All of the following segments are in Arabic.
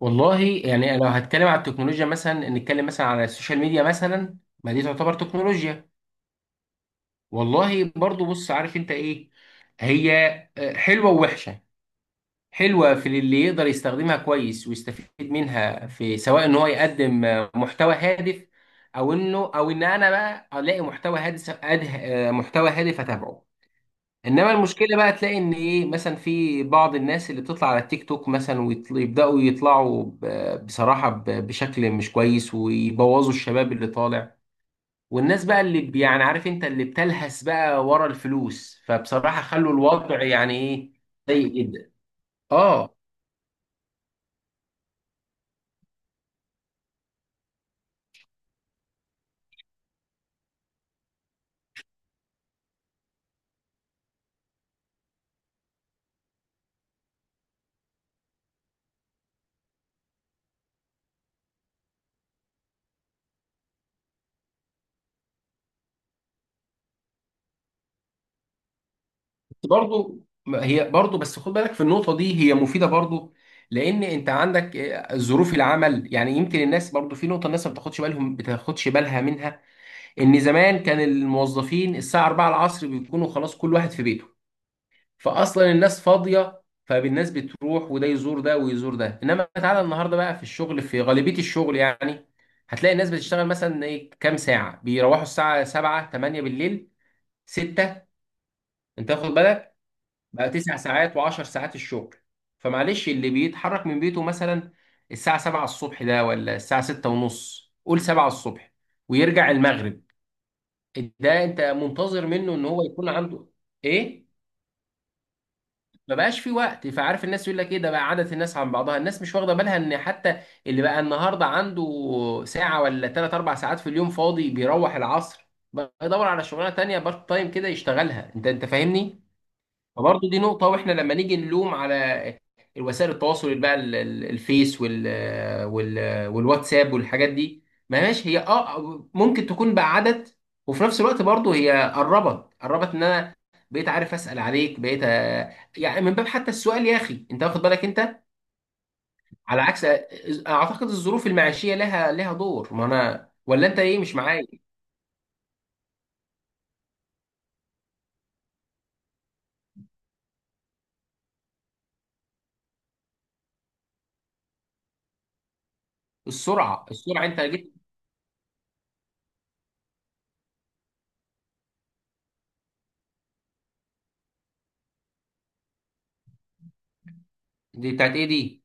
والله يعني لو هتكلم على التكنولوجيا مثلا نتكلم مثلا على السوشيال ميديا مثلا، ما دي تعتبر تكنولوجيا. والله برضو بص عارف انت ايه هي حلوة ووحشة. حلوة في اللي يقدر يستخدمها كويس ويستفيد منها في سواء ان هو يقدم محتوى هادف، او انه او ان انا بقى الاقي محتوى هادف محتوى هادف اتابعه. انما المشكله بقى تلاقي ان ايه، مثلا في بعض الناس اللي بتطلع على التيك توك مثلا ويبداوا يطلعوا بصراحه بشكل مش كويس ويبوظوا الشباب اللي طالع، والناس بقى اللي يعني عارف انت اللي بتلهس بقى ورا الفلوس، فبصراحه خلوا الوضع يعني ايه، سيء جدا. اه. بس برضو ما هي برضو، بس خد بالك في النقطه دي، هي مفيده برضو، لان انت عندك إيه، ظروف العمل. يعني يمكن الناس برضو في نقطه، الناس ما بتاخدش بالهم، بتاخدش بالها منها، ان زمان كان الموظفين الساعه 4 العصر بيكونوا خلاص كل واحد في بيته، فاصلا الناس فاضيه، فالناس بتروح وده يزور ده ويزور ده. انما تعالى النهارده بقى في الشغل، في غالبيه الشغل يعني هتلاقي الناس بتشتغل مثلا ايه كام ساعه، بيروحوا الساعه 7 8 بالليل، 6، انت واخد بالك؟ بقى 9 ساعات و10 ساعات الشغل. فمعلش، اللي بيتحرك من بيته مثلا الساعه 7 الصبح، ده ولا الساعه 6 ونص، قول 7 الصبح، ويرجع المغرب، ده انت منتظر منه ان هو يكون عنده ايه، ما بقاش في وقت. فعارف، الناس يقول لك ايه، ده بقى عادة الناس عن بعضها، الناس مش واخده بالها ان حتى اللي بقى النهارده عنده ساعه ولا 3 4 ساعات في اليوم فاضي، بيروح العصر بقى يدور على شغلانه تانية بارت تايم كده يشتغلها، انت فاهمني. فبرضه دي نقطة. واحنا لما نيجي نلوم على الوسائل التواصل بقى الفيس وال والواتساب والحاجات دي، ما ماشي، هي اه ممكن تكون بعدت، وفي نفس الوقت برضه هي قربت، ان انا بقيت عارف اسال عليك، بقيت يعني من باب حتى السؤال يا اخي، انت واخد بالك انت، على عكس. اعتقد الظروف المعيشيه لها دور، ما انا ولا انت ايه، مش معايا؟ السرعه السرعه انت جبت. دي بتاعت ايه دي؟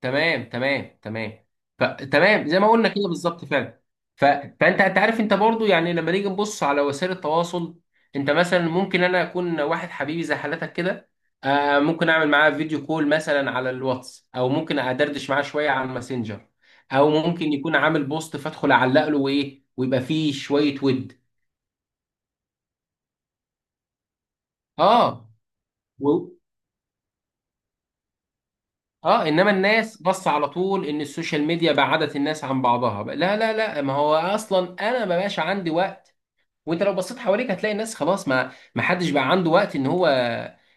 تمام تمام تمام. تمام زي ما قلنا كده، بالظبط فعلا. فانت عارف، انت برضو يعني لما نيجي نبص على وسائل التواصل، انت مثلا ممكن انا اكون واحد حبيبي زي حالتك كده، ممكن اعمل معاه فيديو كول مثلا على الواتس، او ممكن ادردش معاه شويه على الماسنجر، او ممكن يكون عامل بوست فادخل اعلق له وايه، ويبقى فيه شويه ود. اه. و... اه، انما الناس بص، على طول ان السوشيال ميديا بعدت الناس عن بعضها. لا لا لا، ما هو اصلا انا ما بقاش عندي وقت. وانت لو بصيت حواليك هتلاقي الناس خلاص، ما حدش بقى عنده وقت ان هو،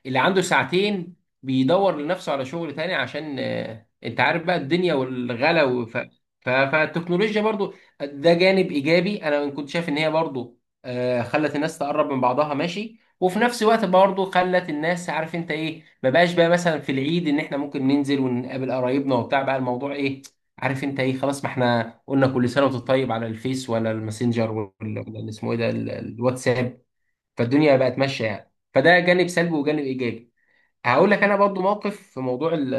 اللي عنده ساعتين بيدور لنفسه على شغل تاني، عشان انت عارف بقى الدنيا والغلا فالتكنولوجيا برضو ده جانب ايجابي. انا كنت شايف ان هي برضو خلت الناس تقرب من بعضها، ماشي، وفي نفس الوقت برضو خلت الناس عارف انت ايه، ما بقاش بقى مثلا في العيد ان احنا ممكن ننزل ونقابل قرايبنا وبتاع، بقى الموضوع ايه، عارف انت ايه، خلاص ما احنا قلنا كل سنه وانت طيب على الفيس ولا الماسنجر، ولا ولا اللي اسمه ايه ده، الواتساب. فالدنيا بقت ماشيه يعني، فده جانب سلبي وجانب ايجابي. هقول لك انا برضو موقف في موضوع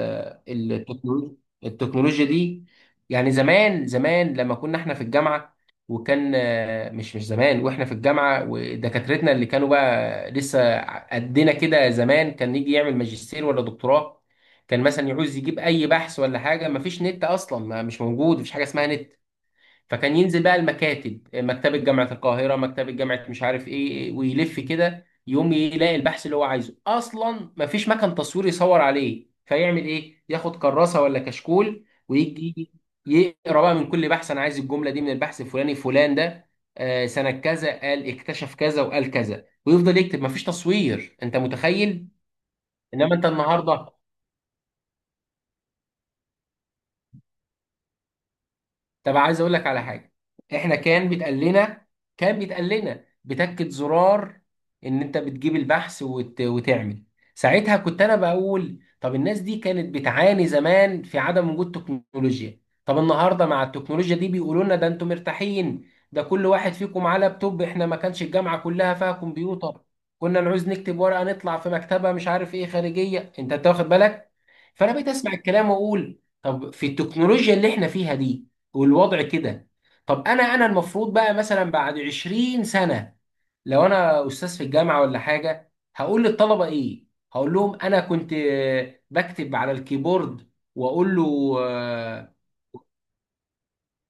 التكنولوجيا. دي يعني زمان، زمان لما كنا احنا في الجامعه، وكان مش زمان واحنا في الجامعه ودكاترتنا اللي كانوا بقى لسه قدنا كده، زمان كان يجي يعمل ماجستير ولا دكتوراه، كان مثلا يعوز يجيب اي بحث ولا حاجه، مفيش نت اصلا، ما مش موجود، مفيش حاجه اسمها نت. فكان ينزل بقى المكاتب، مكتبة جامعة القاهرة، مكتبة جامعة مش عارف ايه، ويلف كده يقوم يلاقي البحث اللي هو عايزه. اصلا مفيش مكان تصوير يصور عليه، فيعمل ايه، ياخد كراسة ولا كشكول، ويجي يقرا بقى من كل بحث، انا عايز الجملة دي من البحث الفلاني، فلان ده سنة كذا قال اكتشف كذا وقال كذا، ويفضل يكتب، مفيش تصوير، انت متخيل؟ انما انت النهارده. طب عايز اقول لك على حاجه، احنا كان بيتقال لنا، بتكة زرار ان انت بتجيب البحث وتعمل. ساعتها كنت انا بقول، طب الناس دي كانت بتعاني زمان في عدم وجود تكنولوجيا، طب النهارده مع التكنولوجيا دي بيقولوا لنا، ده انتم مرتاحين، ده كل واحد فيكم معاه لابتوب. احنا ما كانش الجامعه كلها فيها كمبيوتر، كنا نعوز نكتب ورقه نطلع في مكتبه مش عارف ايه خارجيه، انت واخد بالك. فانا بقيت اسمع الكلام واقول، طب في التكنولوجيا اللي احنا فيها دي والوضع كده، طب انا المفروض بقى مثلا بعد 20 سنة، لو انا استاذ في الجامعة ولا حاجة، هقول للطلبة ايه؟ هقول لهم انا كنت بكتب على الكيبورد، واقول له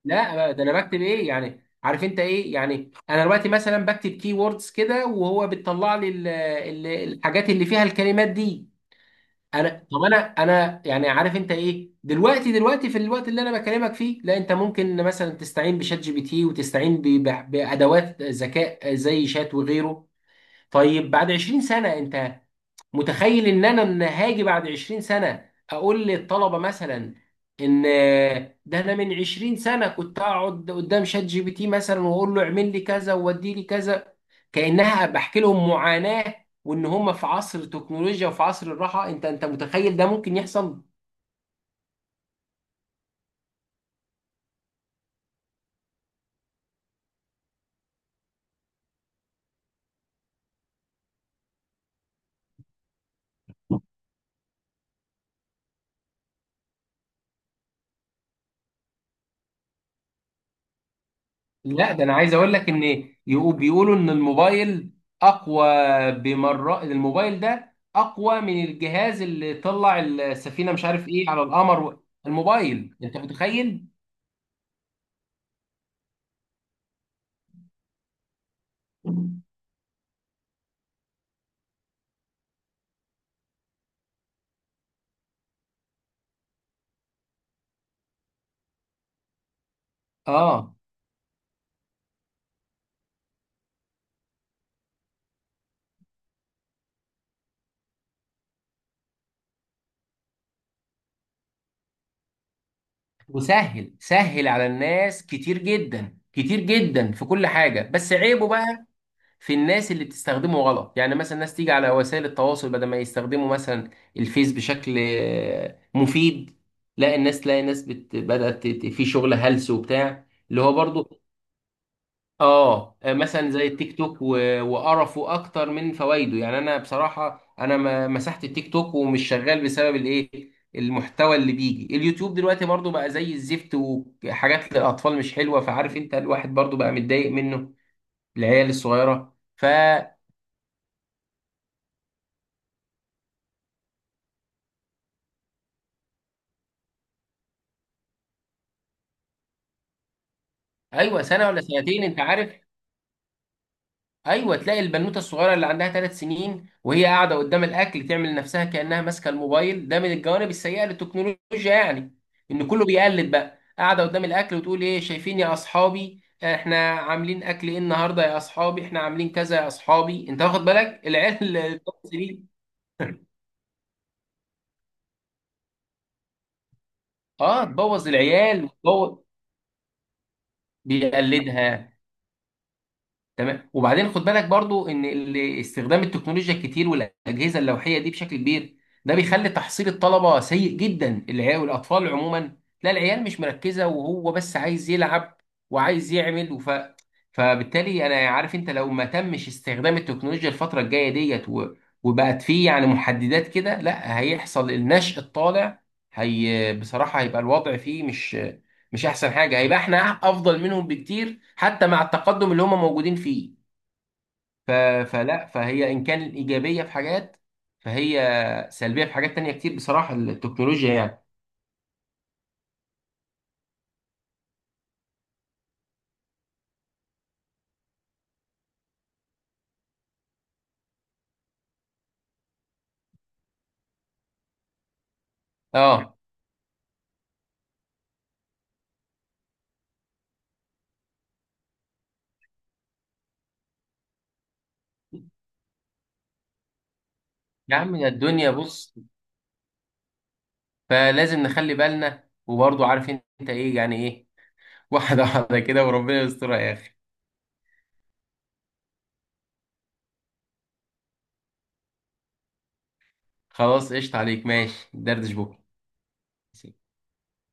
لا، ده انا بكتب ايه يعني، عارف انت ايه، يعني انا دلوقتي مثلا بكتب كيوردز كده وهو بتطلع لي الحاجات اللي فيها الكلمات دي. طب انا يعني عارف انت ايه، دلوقتي في الوقت اللي انا بكلمك فيه، لا، انت ممكن مثلا تستعين بشات جي بي تي وتستعين بادوات ذكاء زي شات وغيره. طيب بعد 20 سنه، انت متخيل ان انا من هاجي بعد 20 سنه اقول للطلبه مثلا، ان ده انا من 20 سنه كنت اقعد قدام شات جي بي تي مثلا واقول له اعمل لي كذا وودي لي كذا، كانها بحكي لهم معاناه، وان هم في عصر التكنولوجيا وفي عصر الراحه، انت متخيل ده ممكن يحصل؟ لا، ده انا عايز اقول لك ان، بيقولوا ان الموبايل اقوى بمرات، الموبايل ده اقوى من الجهاز اللي طلع السفينه مش عارف ايه على القمر. الموبايل، انت متخيل؟ اه. وسهل سهل على الناس، كتير جدا كتير جدا في كل حاجه، بس عيبه بقى في الناس اللي بتستخدمه غلط. يعني مثلا ناس تيجي على وسائل التواصل بدل ما يستخدموا مثلا الفيس بشكل مفيد، لا، الناس تلاقي ناس بدأت في شغل هلس وبتاع، اللي هو برضو اه مثلا زي التيك توك وقرفه اكتر من فوائده، يعني انا بصراحة انا ما... مسحت التيك توك ومش شغال بسبب الايه المحتوى اللي بيجي. اليوتيوب دلوقتي برضو بقى زي الزفت، وحاجات للاطفال مش حلوة، فعارف انت الواحد برضو بقى متضايق منه. العيال الصغيرة. ايوه، سنه ولا سنتين، انت عارف؟ ايوه، تلاقي البنوته الصغيره اللي عندها 3 سنين وهي قاعده قدام الاكل تعمل نفسها كانها ماسكه الموبايل، ده من الجوانب السيئه للتكنولوجيا يعني. ان كله بيقلد، بقى قاعده قدام الاكل وتقول ايه، شايفين يا اصحابي احنا عاملين اكل ايه النهارده، يا اصحابي احنا عاملين كذا يا اصحابي، انت واخد بالك العيال اللي بتبوظ دي. اه، تبوظ العيال وتبوظ، بيقلدها. تمام. وبعدين خد بالك برضو ان استخدام التكنولوجيا الكتير والاجهزه اللوحيه دي بشكل كبير، ده بيخلي تحصيل الطلبه سيء جدا، العيال والاطفال عموما، لا، العيال مش مركزه وهو بس عايز يلعب وعايز يعمل فبالتالي انا، عارف انت، لو ما تمش استخدام التكنولوجيا الفتره الجايه ديت وبقت فيه يعني محددات كده، لا هيحصل النشء الطالع. هي بصراحه هيبقى الوضع فيه مش احسن حاجه، هيبقى احنا افضل منهم بكتير حتى مع التقدم اللي هم موجودين فيه. ف... فلا، فهي ان كان ايجابيه في حاجات، فهي سلبيه في حاجات تانية كتير بصراحه، التكنولوجيا يعني. اه. يا عم يا الدنيا بص، فلازم نخلي بالنا. وبرضه عارف انت ايه يعني ايه، واحده واحده كده، وربنا يسترها يا اخي. خلاص، قشطه، عليك، ماشي، دردش بكره.